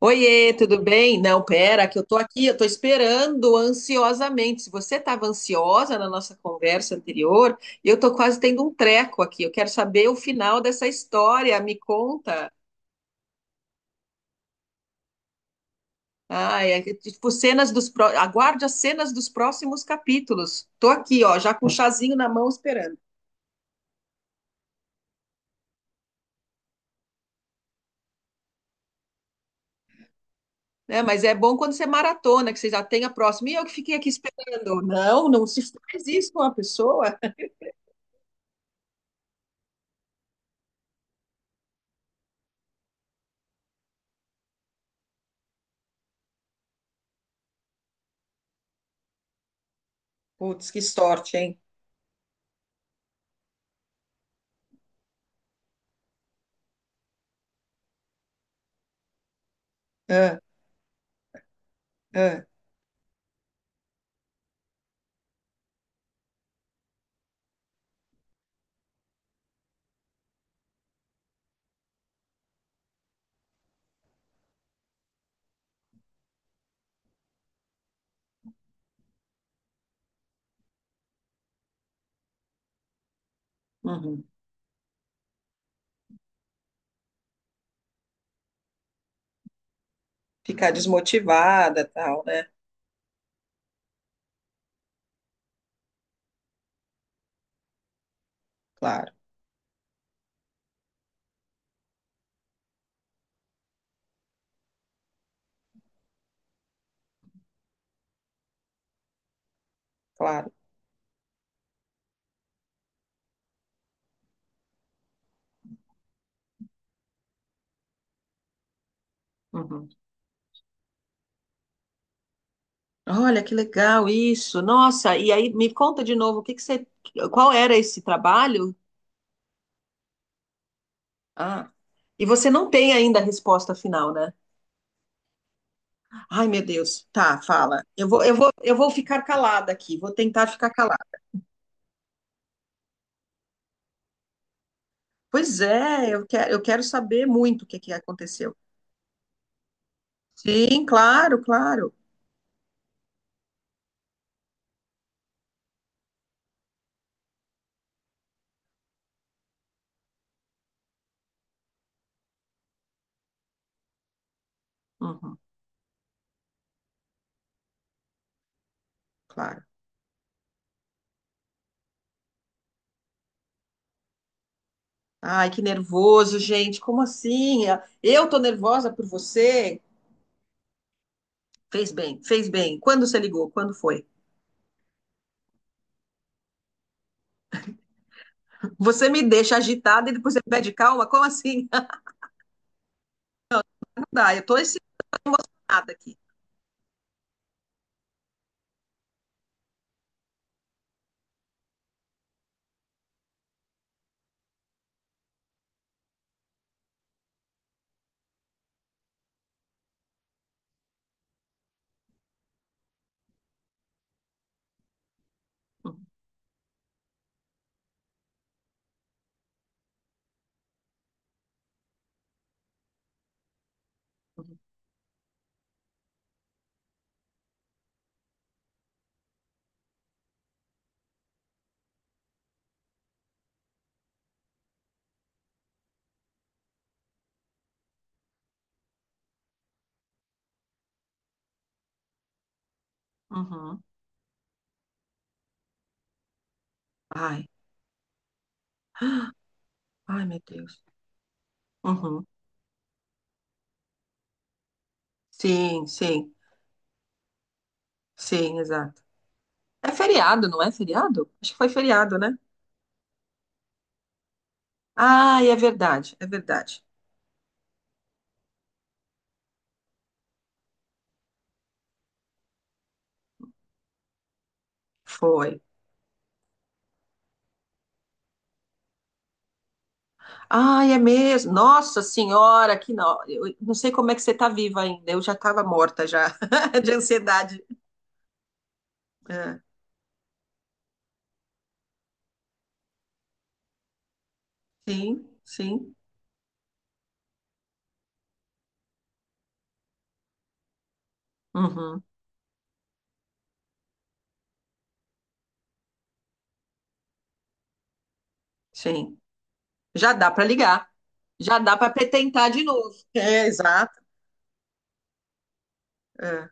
Oiê, tudo bem? Não, pera, que eu tô aqui, eu tô esperando ansiosamente. Se você estava ansiosa na nossa conversa anterior, eu tô quase tendo um treco aqui. Eu quero saber o final dessa história. Me conta. Ai, é, tipo, Aguarde as cenas dos próximos capítulos. Tô aqui, ó, já com o chazinho na mão esperando. Né? Mas é bom quando você maratona, que você já tem a próxima. E eu que fiquei aqui esperando. Não, não se faz isso com a pessoa. Putz, que sorte, hein? Ah, ah, uhum. Ficar desmotivada, tal, né? Claro, claro. Uhum. Olha que legal isso. Nossa, e aí me conta de novo, o que que você, qual era esse trabalho? Ah, e você não tem ainda a resposta final, né? Ai, meu Deus. Tá, fala. Eu vou ficar calada aqui, vou tentar ficar calada. Pois é, eu quero saber muito o que que aconteceu. Sim, claro, claro. Uhum, claro. Ai, que nervoso, gente. Como assim? Eu tô nervosa por você? Fez bem, fez bem. Quando você ligou? Quando foi? Você me deixa agitada e depois você pede calma? Como assim? Não dá, eu tô excitada aqui. Uhum, uhum. Ai, ai, meu Deus. Uhum. Sim, sim, sim, exato. É feriado, não é feriado? Acho que foi feriado, né? Ai, é verdade, é verdade. Foi. Ai, é mesmo. Nossa Senhora, que não. Eu não sei como é que você tá viva ainda. Eu já estava morta já de ansiedade. É. Sim, sim. Uhum, sim. Já dá para ligar. Já dá para tentar de novo. É, exato. É,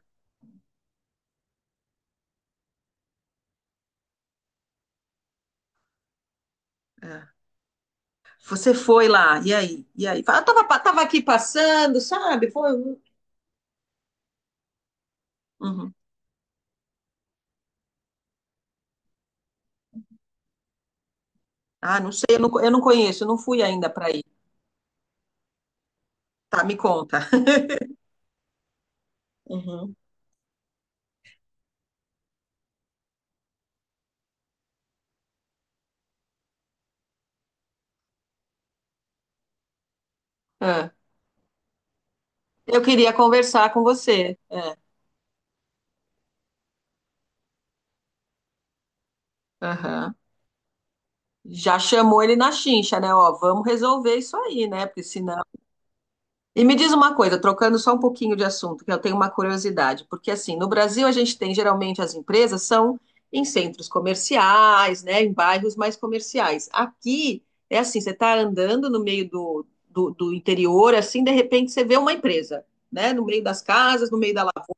é. Você foi lá, e aí? E aí? Fala, eu tava, tava aqui passando, sabe? Foi. Um uhum. Ah, não sei, eu não conheço, eu não fui ainda para aí. Tá, me conta. Uhum. É. Eu queria conversar com você. É. Aham. Já chamou ele na chincha, né? Ó, vamos resolver isso aí, né? Porque senão. E me diz uma coisa, trocando só um pouquinho de assunto, que eu tenho uma curiosidade, porque assim, no Brasil a gente tem geralmente as empresas são em centros comerciais, né, em bairros mais comerciais. Aqui é assim, você está andando no meio do interior, assim, de repente você vê uma empresa, né, no meio das casas, no meio da lavoura.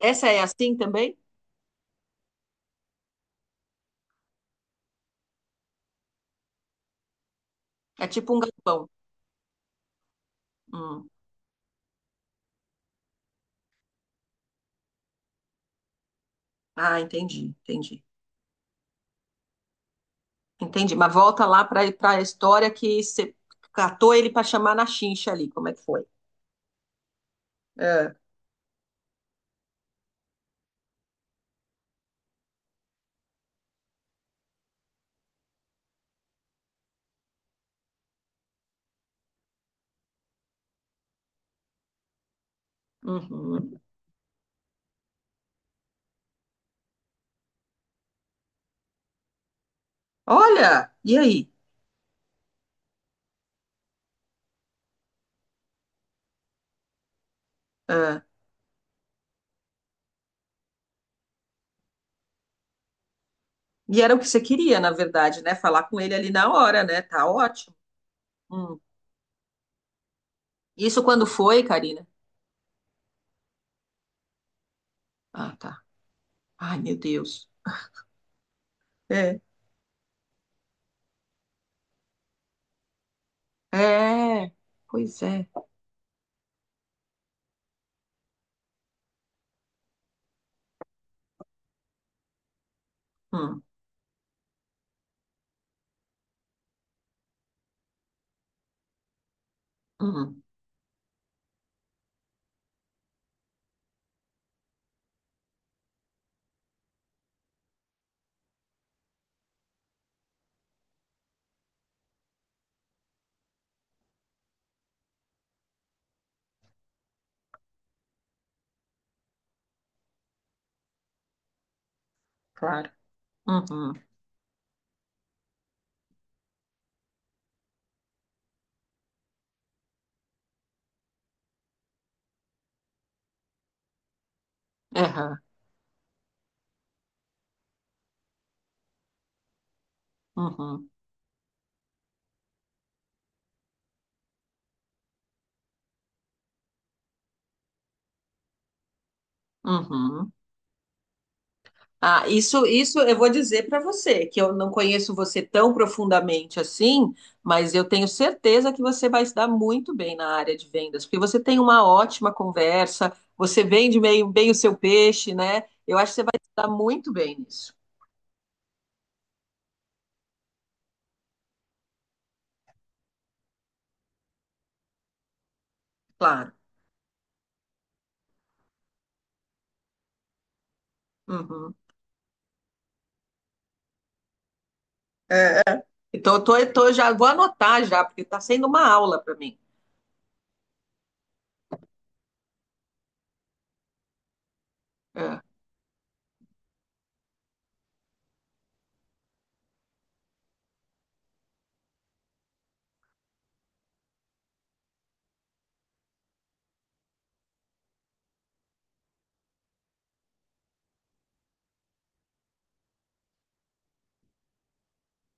Essa é assim também? É tipo um galpão. Hum. Ah, entendi, entendi, entendi. Mas volta lá para a história que você catou ele para chamar na chincha ali, como é que foi? É. Uhum. Olha, e aí? Ah, e era o que você queria, na verdade, né? Falar com ele ali na hora, né? Tá ótimo. Hum. Isso quando foi, Karina? Ah, tá. Ai, meu Deus. É. É. Pois é. Hum, hum, claro. Uhum. Aham. Uhum. Uhum. Ah, isso eu vou dizer para você, que eu não conheço você tão profundamente assim, mas eu tenho certeza que você vai se dar muito bem na área de vendas, porque você tem uma ótima conversa, você vende meio bem o seu peixe, né? Eu acho que você vai se dar muito bem nisso, claro. Uhum. Então, eu tô já vou anotar já, porque está sendo uma aula para mim. É,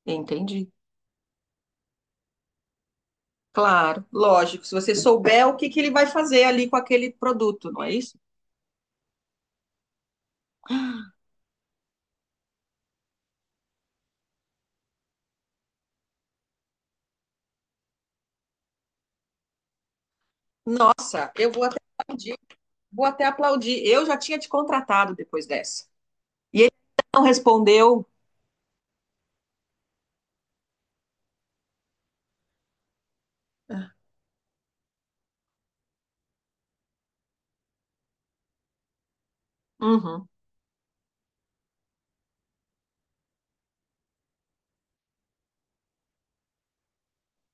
entendi. Claro, lógico. Se você souber o que que ele vai fazer ali com aquele produto, não é isso? Nossa, eu vou até vou até aplaudir. Eu já tinha te contratado depois dessa. E ele não respondeu. Uhum,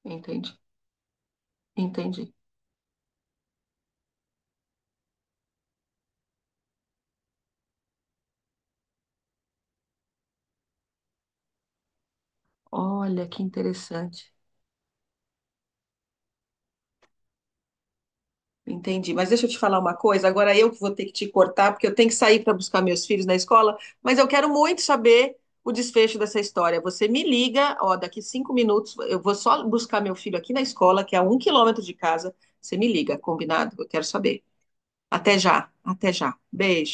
entendi, entendi. Olha que interessante. Entendi. Mas deixa eu te falar uma coisa. Agora eu que vou ter que te cortar, porque eu tenho que sair para buscar meus filhos na escola. Mas eu quero muito saber o desfecho dessa história. Você me liga, ó, daqui 5 minutos. Eu vou só buscar meu filho aqui na escola, que é a 1 quilômetro de casa. Você me liga, combinado? Eu quero saber. Até já, até já. Beijo.